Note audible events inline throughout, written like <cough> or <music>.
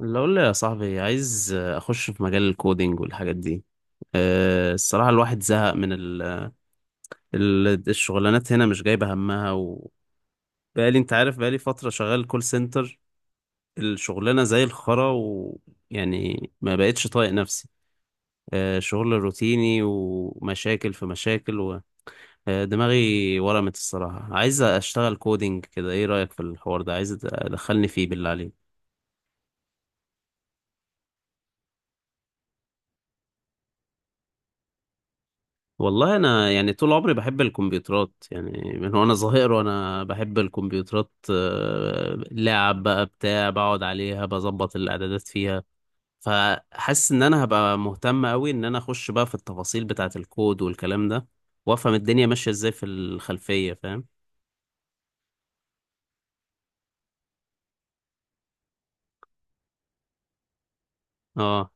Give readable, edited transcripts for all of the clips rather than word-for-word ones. اللي اقول لي يا صاحبي عايز اخش في مجال الكودينج والحاجات دي. الصراحة الواحد زهق من الشغلانات هنا مش جايبة همها، وبقالي انت عارف بقالي فترة شغال كول سنتر. الشغلانة زي الخرا، ويعني ما بقتش طايق نفسي. شغل روتيني، ومشاكل في مشاكل و... دماغي ورمت. الصراحة عايز اشتغل كودينج كده، ايه رأيك في الحوار ده؟ عايز ادخلني فيه بالله عليك. والله انا يعني طول عمري بحب الكمبيوترات يعني، من وانا صغير وانا بحب الكمبيوترات. لعب بقى، بتاع، بقعد عليها بظبط الاعدادات فيها. فحاسس ان انا هبقى مهتم قوي ان انا اخش بقى في التفاصيل بتاعه الكود والكلام ده، وافهم الدنيا ماشيه ازاي في الخلفيه، فاهم؟ اه.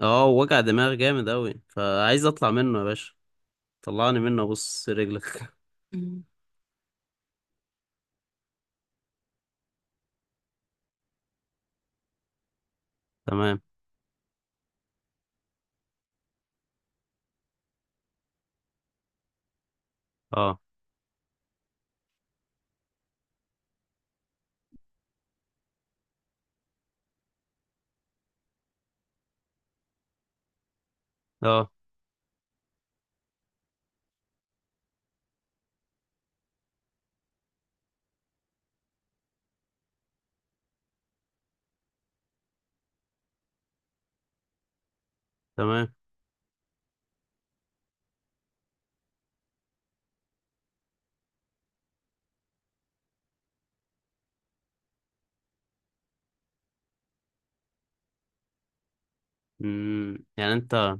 اه، وجع دماغ جامد قوي، فعايز اطلع منه يا باشا. طلعني منه، بص رجلك. <laughs> تمام. اه. اه، تمام. يعني انت،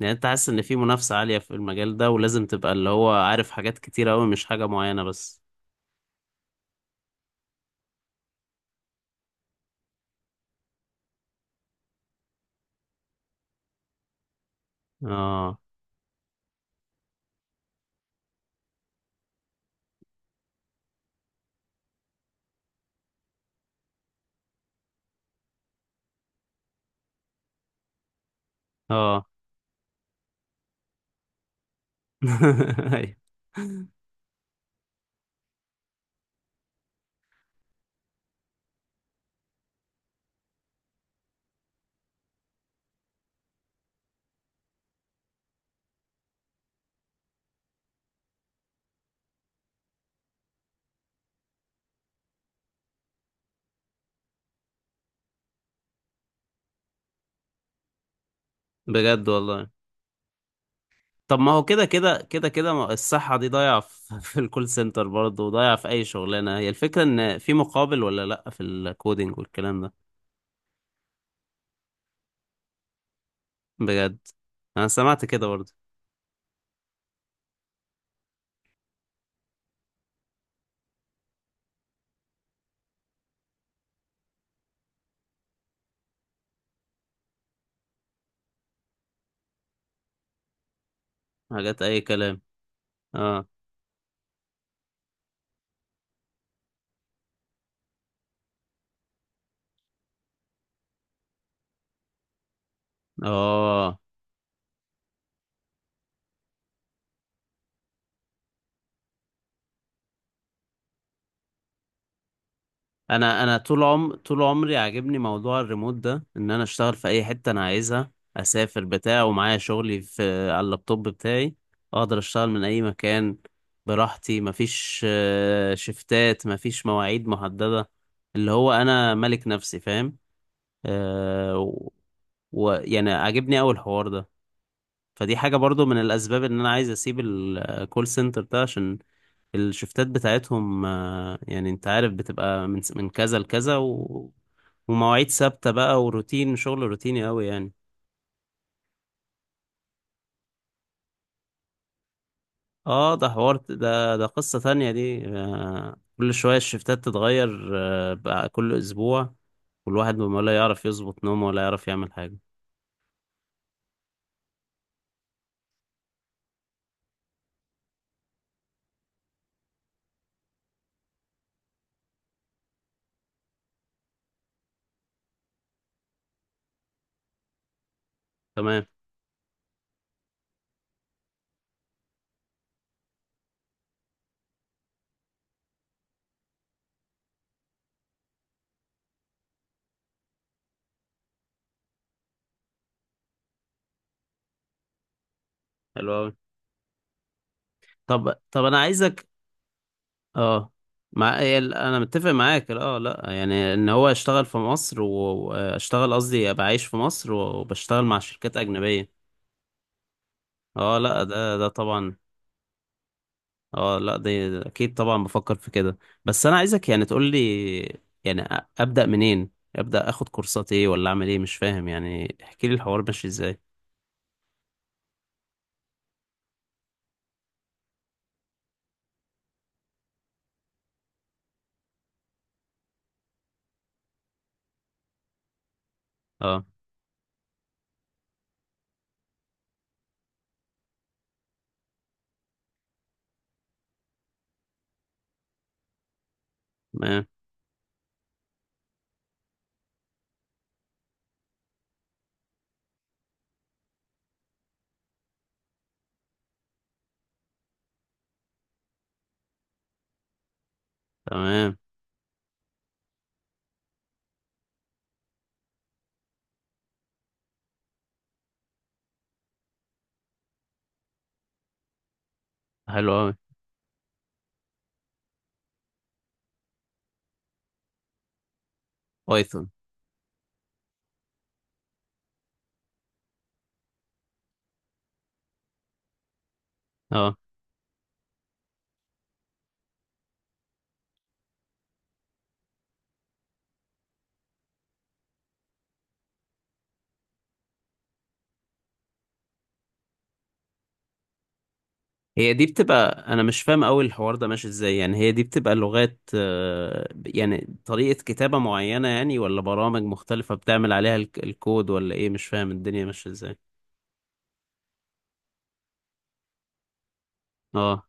يعني انت حاسس ان في منافسة عالية في المجال ده، ولازم تبقى اللي هو عارف حاجات كتير قوي، مش حاجة معينة بس؟ اه. اه. <laughs> أيوة. بجد والله. طب ما هو كده كده كده كده الصحة دي ضايعة في <laughs> في الكول سنتر برضه، وضايعة في أي شغلانة. هي الفكرة إن في مقابل ولا لأ في الكودينج والكلام ده؟ بجد؟ أنا سمعت كده برضه. حاجات أي كلام. اه. اه. انا طول طول عمري عاجبني موضوع الريموت ده، ان انا اشتغل في اي حته انا عايزها، اسافر بتاع ومعايا شغلي في على اللابتوب بتاعي، اقدر اشتغل من اي مكان براحتي. مفيش شفتات، مفيش مواعيد محدده، اللي هو انا ملك نفسي، فاهم؟ أه و- ويعني عاجبني اول حوار ده. فدي حاجه برضو من الاسباب ان انا عايز اسيب الكول سنتر ده، عشان الشفتات بتاعتهم، يعني انت عارف بتبقى من كذا لكذا و... ومواعيد ثابتة بقى، وروتين، شغل روتيني قوي يعني. اه، ده حوار، ده قصة تانية دي. آه، كل شوية الشفتات تتغير، آه، بقى كل اسبوع. والواحد ما لا يعرف يظبط نومه ولا يعرف يعمل حاجة. تمام. حلو قوي. طب انا عايزك، اه، مع إيه، انا متفق معاك. اه، لا يعني ان هو اشتغل في مصر واشتغل، قصدي ابقى عايش في مصر وبشتغل مع شركات اجنبية. اه، لا، ده طبعا. اه، لا، ده اكيد طبعا بفكر في كده. بس انا عايزك يعني تقول لي يعني، ابدا منين؟ ابدا اخد كورسات ايه، ولا اعمل ايه؟ مش فاهم يعني، احكي لي الحوار ماشي ازاي. اه. تمام. تمام. حلو قوي. بايثون؟ اه، هي دي بتبقى، انا مش فاهم قوي الحوار ده ماشي ازاي. يعني هي دي بتبقى لغات، يعني طريقة كتابة معينة يعني، ولا برامج مختلفة بتعمل عليها الكود، ولا ايه؟ مش فاهم الدنيا ماشية ازاي. اه.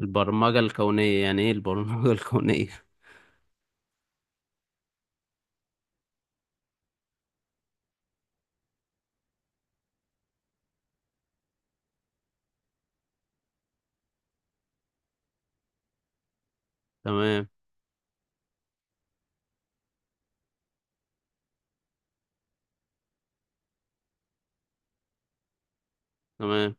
البرمجة الكونية يعني ايه البرمجة <laughs> الكونية؟ تمام. تمام.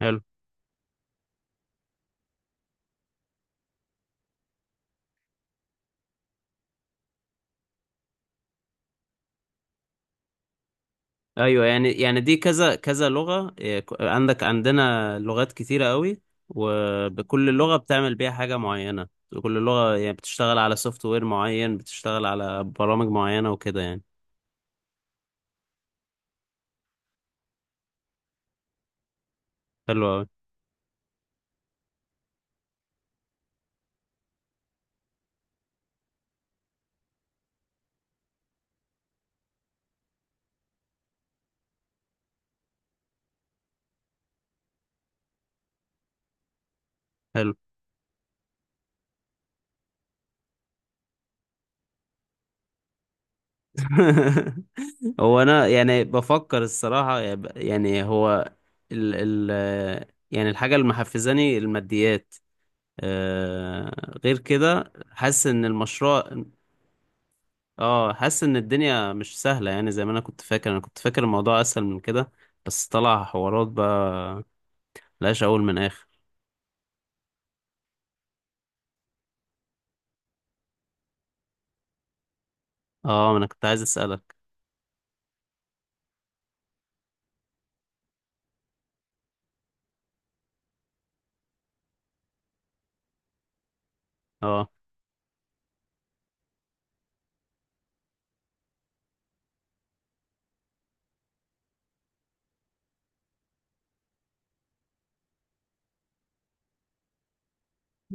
حلو. ايوه، يعني يعني دي كذا كذا لغة إيه، عندك، عندنا لغات كتيرة قوي، وبكل لغة بتعمل بيها حاجة معينة. كل لغة يعني بتشتغل على سوفت وير معين، بتشتغل على برامج معينة وكده يعني. حلو قوي. حلو. <laughs> هو انا يعني بفكر الصراحة يعني يعني هو، ال ال يعني الحاجة اللي محفزاني الماديات، آه، غير كده حاسس ان المشروع، اه، حاسس ان الدنيا مش سهلة يعني، زي ما انا كنت فاكر، انا كنت فاكر الموضوع اسهل من كده، بس طلع حوارات بقى ملهاش اول من اخر. اه، ما انا كنت عايز اسألك. اه.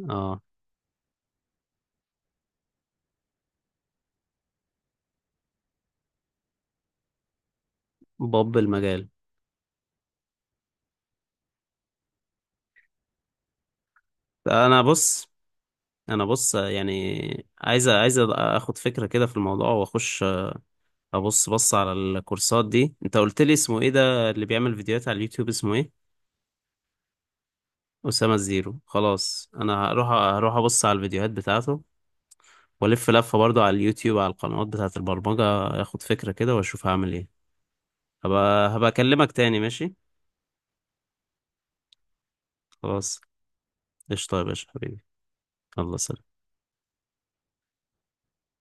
اه. باب المجال. انا بص، انا بص يعني، عايز اخد فكرة كده في الموضوع، واخش ابص، بص على الكورسات دي. انت قلت لي اسمه ايه ده اللي بيعمل فيديوهات على اليوتيوب، اسمه ايه؟ أسامة الزيرو. خلاص، أنا هروح أبص على الفيديوهات بتاعته، والف لفة برضو على اليوتيوب على القنوات بتاعة البرمجة. اخد فكرة كده واشوف هعمل ايه. هبقى اكلمك تاني، ماشي؟ خلاص. قشطة يا باشا حبيبي. الله، سلام.